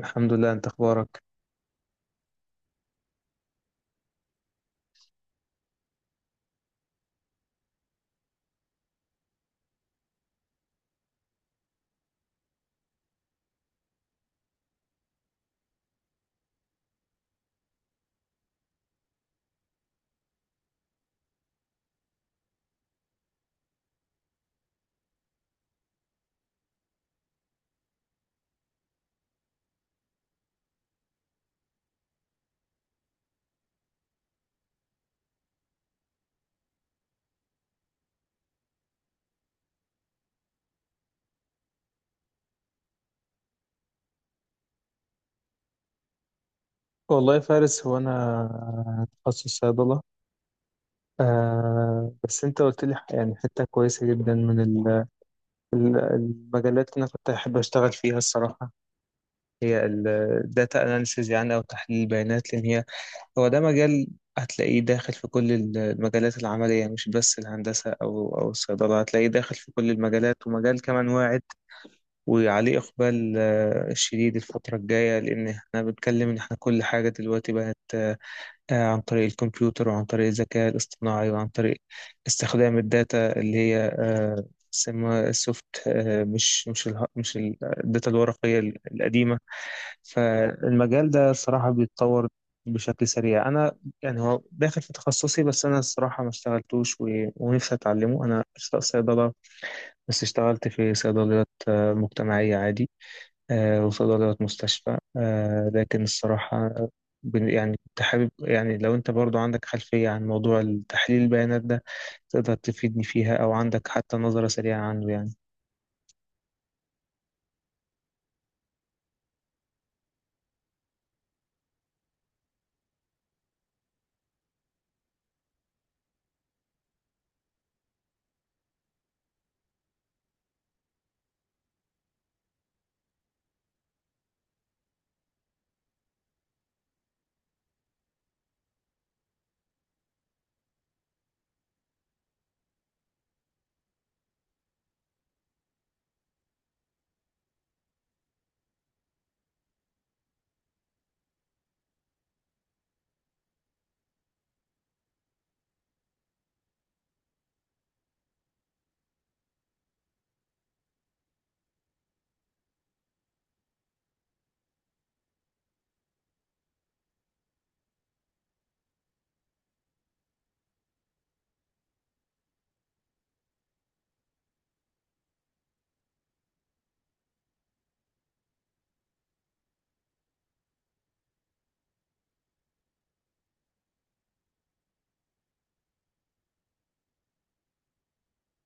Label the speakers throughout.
Speaker 1: الحمد لله، انت اخبارك؟ والله يا فارس هو انا تخصص صيدله. بس انت قلت لي يعني حته كويسه جدا من المجالات اللي انا كنت احب اشتغل فيها الصراحه هي الداتا اناليسيز يعني او تحليل البيانات، لان هو ده مجال هتلاقيه داخل في كل المجالات العمليه، مش بس الهندسه او الصيدله، هتلاقيه داخل في كل المجالات، ومجال كمان واعد وعليه اقبال شديد الفتره الجايه، لان احنا بنتكلم ان احنا كل حاجه دلوقتي بقت عن طريق الكمبيوتر وعن طريق الذكاء الاصطناعي وعن طريق استخدام الداتا اللي هي اسمها السوفت، آه، مش مش ال مش ال- الداتا الورقية القديمة. فالمجال ده الصراحة بيتطور بشكل سريع. أنا يعني هو داخل في تخصصي بس أنا الصراحة ما اشتغلتوش ونفسي أتعلمه. أنا أشتغل صيدلة بس اشتغلت في صيدليات مجتمعية عادي، وصيدلية مستشفى. لكن الصراحة يعني كنت حابب يعني لو أنت برضو عندك خلفية عن موضوع تحليل البيانات ده، تقدر تفيدني فيها أو عندك حتى نظرة سريعة عنه يعني.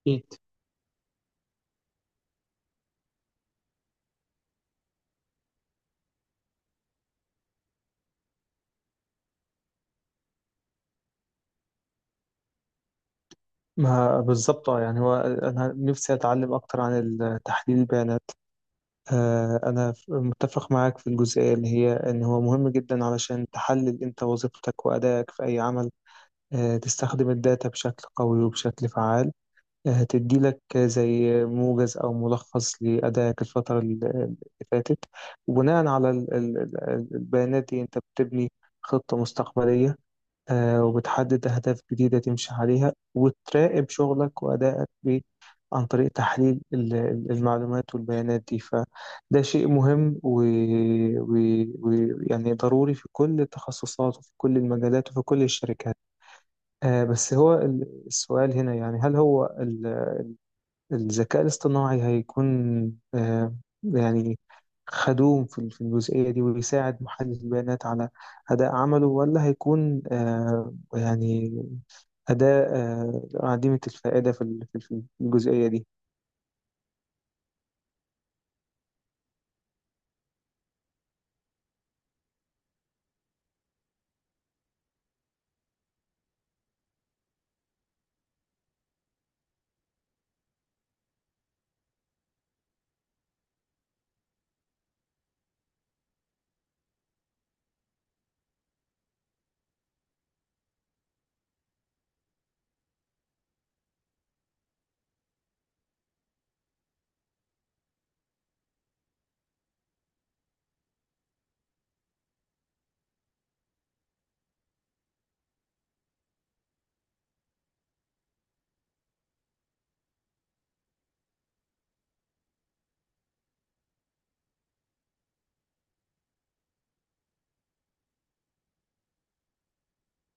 Speaker 1: أكيد. ما بالظبط، يعني هو أنا نفسي أتعلم أكتر عن تحليل البيانات. أنا متفق معاك في الجزئية اللي هي إن هو مهم جدا علشان تحلل أنت وظيفتك وأدائك في أي عمل. تستخدم الداتا بشكل قوي وبشكل فعال، هتدي لك زي موجز أو ملخص لأدائك الفترة اللي فاتت. وبناء على البيانات دي أنت بتبني خطة مستقبلية، وبتحدد أهداف جديدة تمشي عليها وتراقب شغلك وأدائك عن طريق تحليل المعلومات والبيانات دي. فده شيء مهم ويعني يعني ضروري في كل التخصصات وفي كل المجالات وفي كل الشركات. بس هو السؤال هنا يعني هل هو الذكاء الاصطناعي هيكون، آه، يعني، خدوم في في الجزئية دي ويساعد محلل البيانات على أداء عمله؟ ولا هيكون يعني أداة عديمة الفائدة في في الجزئية دي؟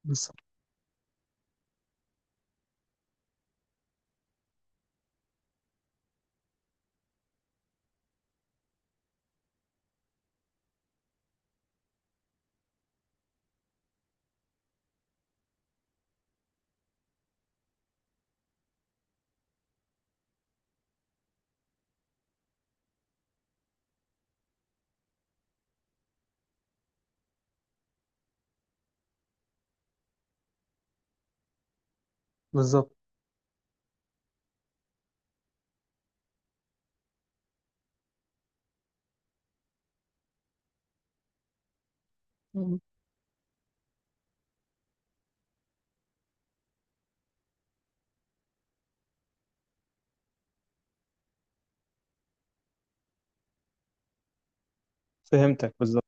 Speaker 1: بس- بالظبط. مم. فهمتك. بالظبط.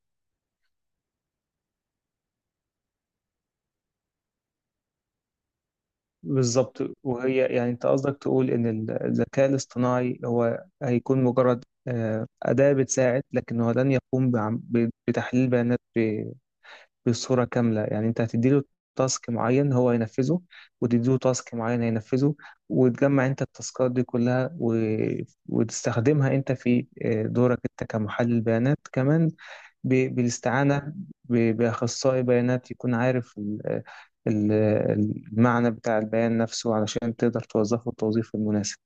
Speaker 1: بالظبط، وهي يعني انت قصدك تقول ان الذكاء الاصطناعي هو هيكون مجرد أداة بتساعد، لكن هو لن يقوم بتحليل بيانات بصورة كاملة. يعني انت هتديله تاسك معين هو هينفذه، وتديله تاسك معين هينفذه، وتجمع انت التاسكات دي كلها وتستخدمها انت في دورك انت كمحلل بيانات كمان، بالاستعانة بأخصائي بيانات يكون عارف ال... المعنى بتاع البيان نفسه علشان تقدر توظفه التوظيف المناسب.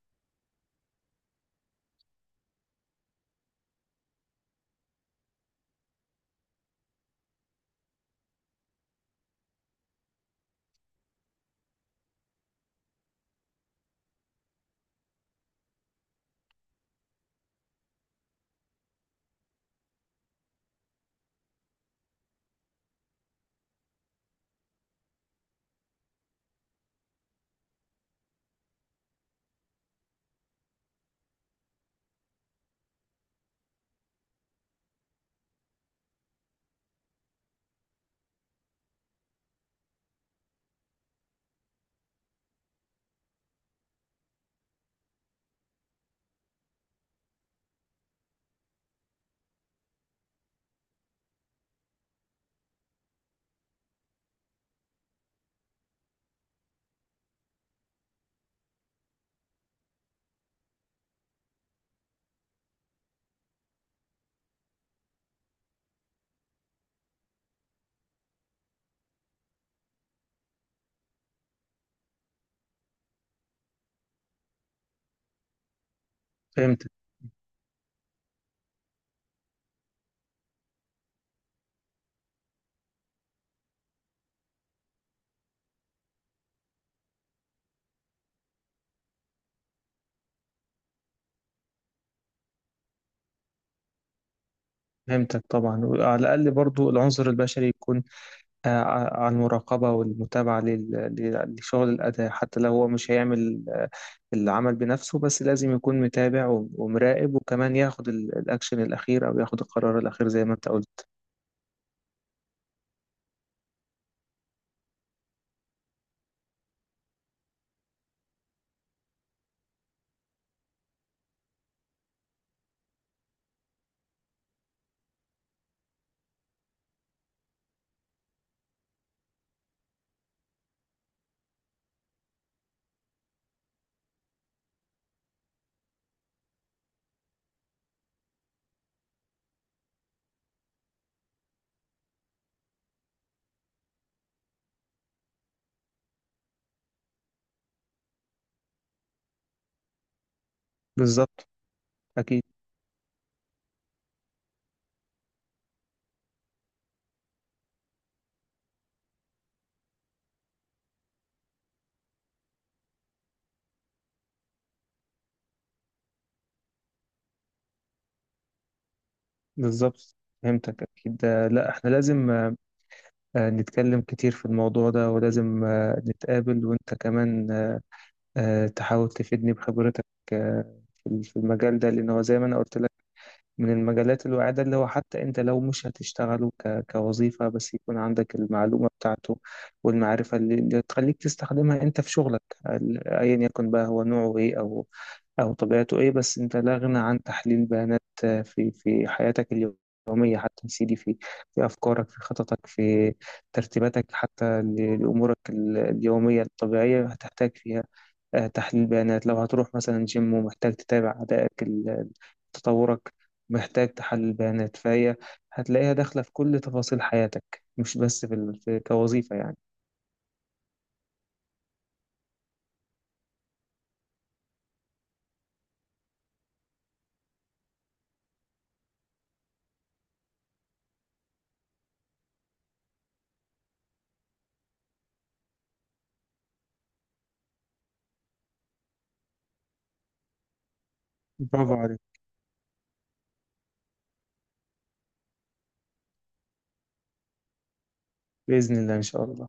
Speaker 1: فهمتك. فهمتك. طبعا وعلى الأقل برضو العنصر البشري يكون، عن المراقبة والمتابعة لشغل الأداء. حتى لو هو مش هيعمل العمل بنفسه، بس لازم يكون متابع ومراقب، وكمان ياخد الأكشن الأخير أو ياخد القرار الأخير زي ما أنت قلت. بالظبط. أكيد. بالظبط. فهمتك. أكيد. لا، إحنا لازم نتكلم كتير في الموضوع ده، ولازم نتقابل وأنت كمان تحاول تفيدني بخبرتك آه، في في المجال ده، لأن هو زي ما أنا قلت لك من المجالات الواعدة، اللي هو حتى انت لو مش هتشتغله كوظيفة، بس يكون عندك المعلومة بتاعته والمعرفة اللي تخليك تستخدمها انت في شغلك، ايا يكن بقى هو نوعه ايه او طبيعته ايه. بس انت لا غنى عن تحليل بيانات في في حياتك اليومية حتى يا سيدي، في في افكارك، في خططك، في ترتيباتك، حتى لامورك اليومية الطبيعية هتحتاج فيها تحليل بيانات. لو هتروح مثلا جيم ومحتاج تتابع أدائك تطورك، محتاج تحلل بيانات. فهي هتلاقيها داخلة في كل تفاصيل حياتك، مش بس في كوظيفة يعني. برافو عليك. بإذن الله، إن شاء الله.